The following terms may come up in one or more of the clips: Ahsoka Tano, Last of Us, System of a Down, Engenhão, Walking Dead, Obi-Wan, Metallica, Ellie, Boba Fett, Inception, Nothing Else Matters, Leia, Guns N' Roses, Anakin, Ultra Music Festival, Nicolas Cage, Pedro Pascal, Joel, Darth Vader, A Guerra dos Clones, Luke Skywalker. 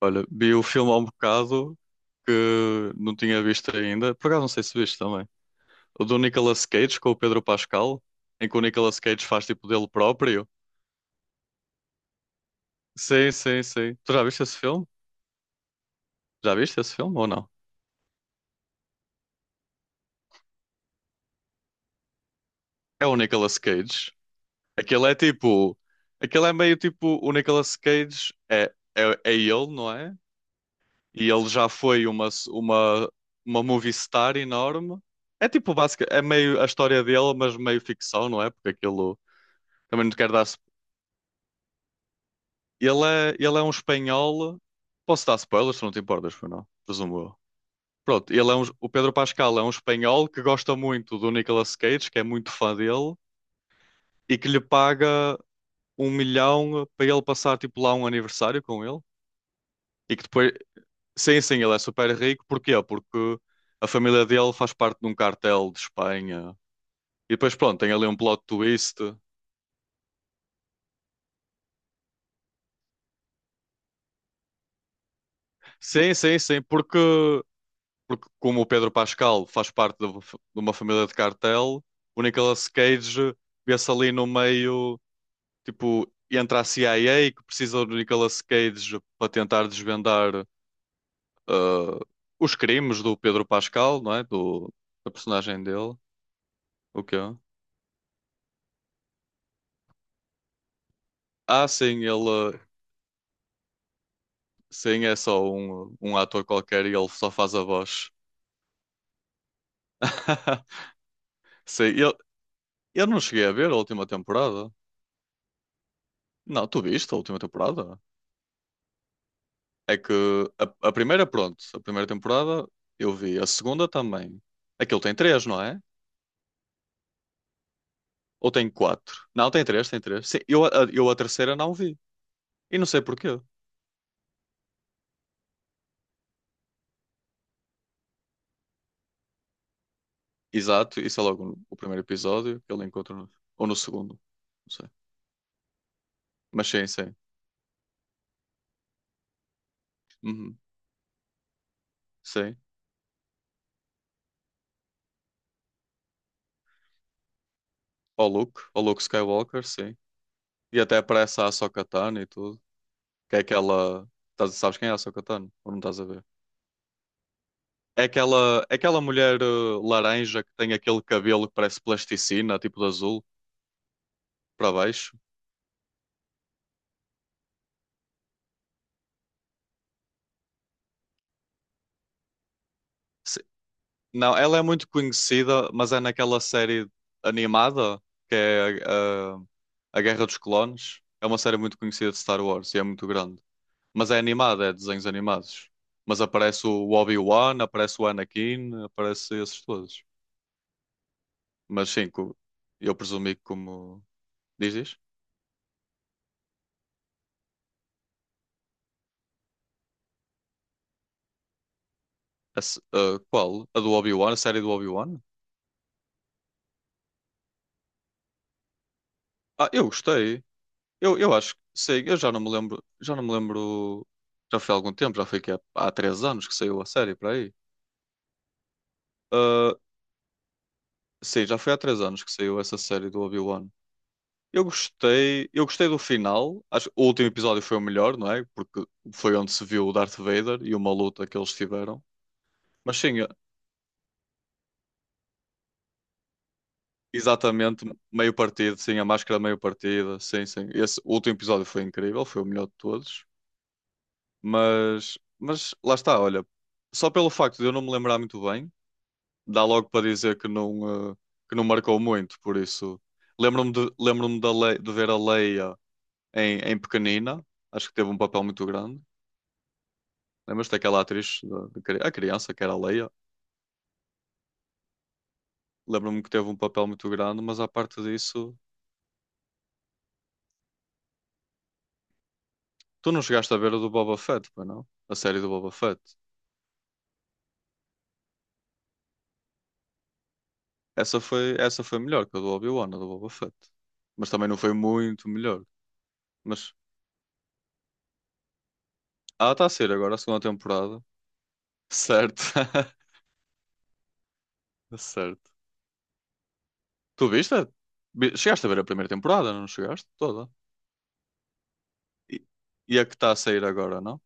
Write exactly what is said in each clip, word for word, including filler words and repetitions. Olha, vi o filme há um bocado que não tinha visto ainda. Por acaso não sei se viste também. O do Nicolas Cage com o Pedro Pascal, em que o Nicolas Cage faz tipo dele próprio. Sim, sim, sim. Tu já viste esse filme? Já viste esse filme ou não? É o Nicolas Cage. Aquele é tipo. Aquele é meio tipo. O Nicolas Cage é, é, é ele, não é? E ele já foi uma, uma, uma movie star enorme. É tipo, básica, é meio a história dele, mas meio ficção, não é? Porque aquilo. Também não te quero dar. Ele é, ele é um espanhol. Posso dar spoilers, se não te importas, foi não? Presumo eu. Pronto, ele é um, o Pedro Pascal é um espanhol que gosta muito do Nicolas Cage, que é muito fã dele, e que lhe paga um milhão para ele passar tipo lá um aniversário com ele. E que depois. Sim, sim, ele é super rico. Porquê? Porque a família dele faz parte de um cartel de Espanha. E depois, pronto, tem ali um plot twist. Sim, sim, sim, porque porque como o Pedro Pascal faz parte de de uma família de cartel, o Nicolas Cage vê-se ali no meio, tipo, entre a C I A que precisa do Nicolas Cage para tentar desvendar ah, os crimes do Pedro Pascal, não é? Do, da personagem dele. O quê? Ah, sim, ele sim, é só um, um ator qualquer e ele só faz a voz. Sim, eu, eu não cheguei a ver a última temporada. Não, tu viste a última temporada? É que a, a primeira, pronto, a primeira temporada eu vi, a segunda também. Aquilo tem três, não é? Ou tem quatro? Não, tem três, tem três. Sim, eu, a, eu a terceira não vi. E não sei porquê. Exato, isso é logo no, o primeiro episódio que ele encontra, no- ou no segundo. Não sei. Mas sim, sim. Uhum, sim. O Luke, o Luke Skywalker, sim. E até aparece a Ahsoka Tano e tudo. Que é aquela. Tás- Sabes quem é a Ahsoka Tano? Ou não estás a ver? É aquela, é aquela mulher uh, laranja que tem aquele cabelo que parece plasticina, tipo de azul, para baixo. Se- Não, ela é muito conhecida, mas é naquela série animada que é uh, A Guerra dos Clones. É uma série muito conhecida de Star Wars e é muito grande. Mas é animada, é desenhos animados. Mas aparece o Obi-Wan, aparece o Anakin, aparece esses todos. Mas sim, co- eu presumi que como. Dizes? A se- uh, Qual? A do Obi-Wan? A série do Obi-Wan? Ah, eu gostei. Eu, eu acho que sei, eu já não me lembro, já não me lembro, já foi há algum tempo, já foi que há, há três anos que saiu a série para aí. Ah, sim, já foi há três anos que saiu essa série do Obi-Wan. Eu gostei, eu gostei do final. Acho que o último episódio foi o melhor, não é? Porque foi onde se viu o Darth Vader e uma luta que eles tiveram. Mas sim, exatamente, meio partido, sim, a máscara meio partida, sim, sim. Esse último episódio foi incrível, foi o melhor de todos. Mas, mas lá está, olha, só pelo facto de eu não me lembrar muito bem dá logo para dizer que não, eh, que não marcou muito, por isso lembro-me de, lembro-me da Le- de ver a Leia em, em pequenina, acho que teve um papel muito grande. Lembras-te daquela atriz, da- da cri- a criança que era a Leia? Lembro-me que teve um papel muito grande, mas à parte disso, tu não chegaste a ver a do Boba Fett, pois não? A série do Boba Fett. Essa foi, essa foi melhor que a do Obi-Wan, a do Boba Fett. Mas também não foi muito melhor. Mas, ah, está a ser agora a segunda temporada. Certo. Certo. Tu viste? Vi- Chegaste a ver a primeira temporada, não chegaste? Toda. E, e a que está a sair agora, não?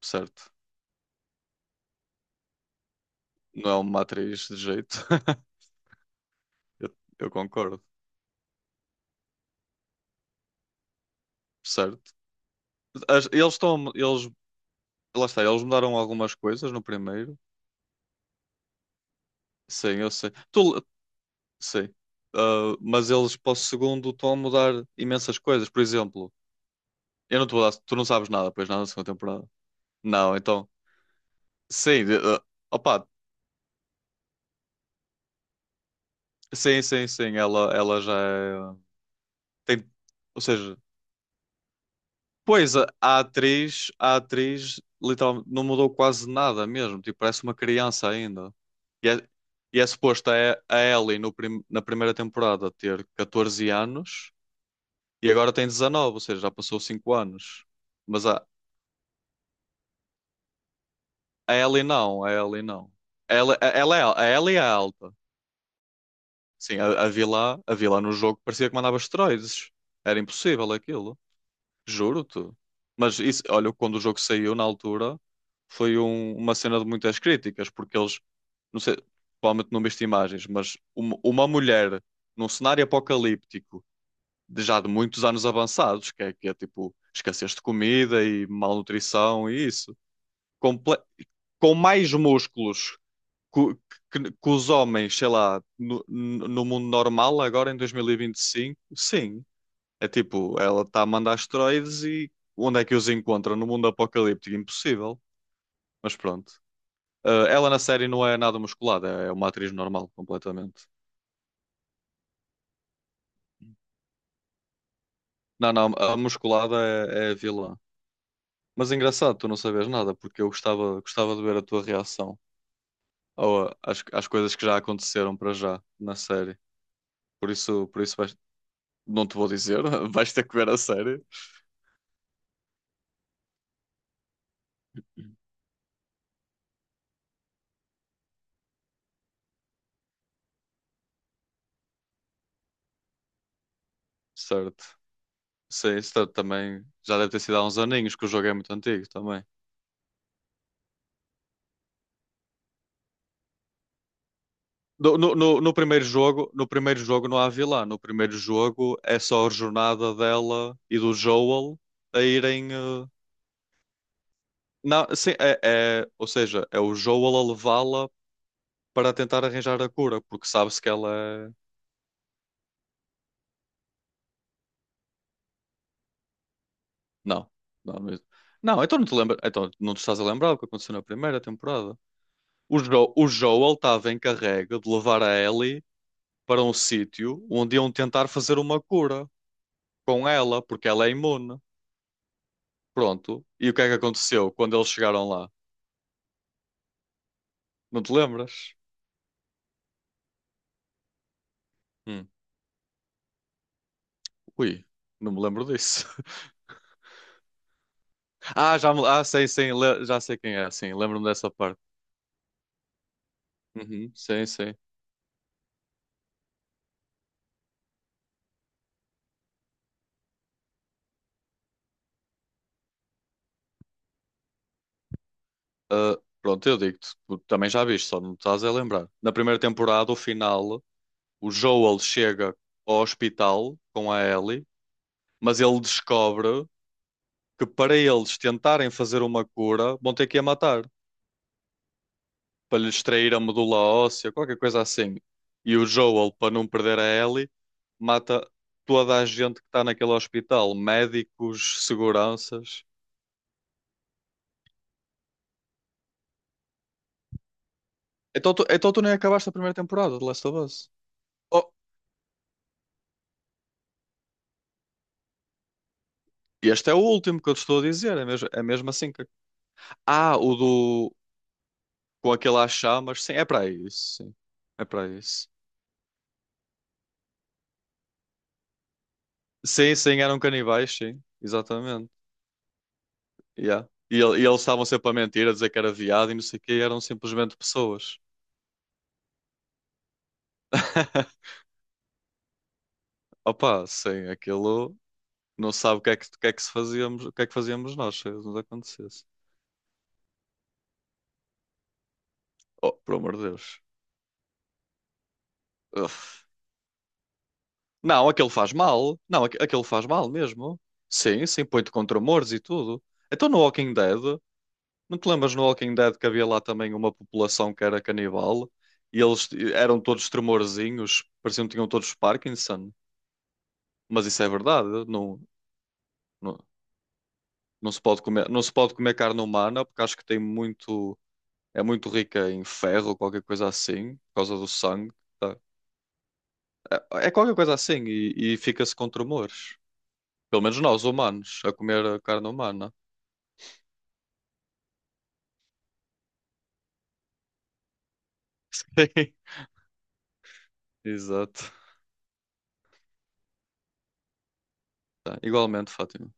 Certo. Não é uma atriz de jeito. Eu, eu concordo. Certo. As- eles estão. Eles, lá está, eles mudaram algumas coisas no primeiro. Sim, eu sei. Tu, sei. Ah, mas eles para o segundo estão a mudar imensas coisas. Por exemplo, eu não te vou dar. Tu não sabes nada, pois nada da segunda temporada. Não, então. Sim, de- ah, opa. Sim, sim, sim. Ela, ela já é. Tem, ou seja. Pois, a a atriz, a atriz literalmente não mudou quase nada mesmo, tipo, parece uma criança ainda. E é, e é suposto a, E- a Ellie no prim- na primeira temporada ter catorze anos e agora tem dezenove, ou seja, já passou cinco anos. Mas a, a Ellie não, a Ellie não. Ela, a, ela é, al- A Ellie é alta. Sim, a, a vilã, a vilã no jogo parecia que mandava esteroides. Era impossível aquilo. Juro-te. Mas isso, olha, quando o jogo saiu na altura, foi um- uma cena de muitas críticas, porque eles, não sei, provavelmente não viste imagens, mas uma, uma mulher num cenário apocalíptico, de já de muitos anos avançados, que é, que é tipo escassez de comida e malnutrição e isso, comple- com mais músculos que, que- que os homens, sei lá, no, no no mundo normal, agora em dois mil e vinte e cinco, sim. É tipo, ela está a mandar asteroides e onde é que os encontra? No mundo apocalíptico? Impossível. Mas pronto. Ah, ela na série não é nada musculada, é uma atriz normal, completamente. Não, não, a musculada é, é a vilã. Mas é engraçado, tu não sabes nada, porque eu gostava, gostava de ver a tua reação ao- às, às coisas que já aconteceram para já na série. Por isso, por isso vais- não te vou dizer, vais ter que ver a série. Certo. Sim, isso também já deve ter sido há uns aninhos, que o jogo é muito antigo também. No, no- no- no primeiro jogo, no primeiro jogo não há vilã. No primeiro jogo é só a jornada dela e do Joel a irem. eh, Não, sim, é, é- ou seja, é o Joel a levá-la para tentar arranjar a cura, porque sabe-se que ela é. Não, não, não, não, então não te lembra, então não te estás a lembrar o que aconteceu na primeira temporada. O, Jo- o Joel estava encarregue de levar a Ellie para um sítio onde iam tentar fazer uma cura com ela, porque ela é imune. Pronto. E o que é que aconteceu quando eles chegaram lá? Não te lembras? Hum. Ui, não me lembro disso. Ah, já me... Ah, sim, sim, le- já sei quem é, sim, lembro-me dessa parte. Uhum, sim, sim. Ah, pronto, eu digo-te, tu também já viste, só não te estás a lembrar. Na primeira temporada, o final, o Joel chega ao hospital com a Ellie, mas ele descobre que para eles tentarem fazer uma cura, vão ter que a matar, para lhe extrair a medula óssea, qualquer coisa assim. E o Joel, para não perder a Ellie, mata toda a gente que está naquele hospital, médicos, seguranças. Então tu, então tu nem acabaste a primeira temporada de Last of Us. Oh, este é o último que eu te estou a dizer, é mesmo, é mesmo assim que. Ah, o do. Com aquele às chamas, sim, é para isso, sim. É para isso. Sim, sim, eram canibais, sim, exatamente. Yeah. E, ele- e eles estavam sempre a mentir, a dizer que era viado e não sei o quê, eram simplesmente pessoas. Opa, sim, aquilo não sabe o que é que, o que é que se fazíamos, o que é que fazíamos nós se isso nos acontecesse. Oh, por amor de Deus. Uf. Não, aquilo faz mal. Não, aqu- aquilo faz mal mesmo. Sim, sim, põe-te contra humores e tudo. Então no Walking Dead, não te lembras no Walking Dead que havia lá também uma população que era canibal e eles t- eram todos tremorzinhos, pareciam que tinham todos Parkinson. Mas isso é verdade, não, não, não se pode comer, não se pode comer carne humana porque acho que tem muito é muito rica em ferro, qualquer coisa assim, por causa do sangue. Tá? É, é qualquer coisa assim e, e fica-se com tremores. Pelo menos nós, humanos, a comer a carne humana. Exato. Tá, igualmente, Fátima.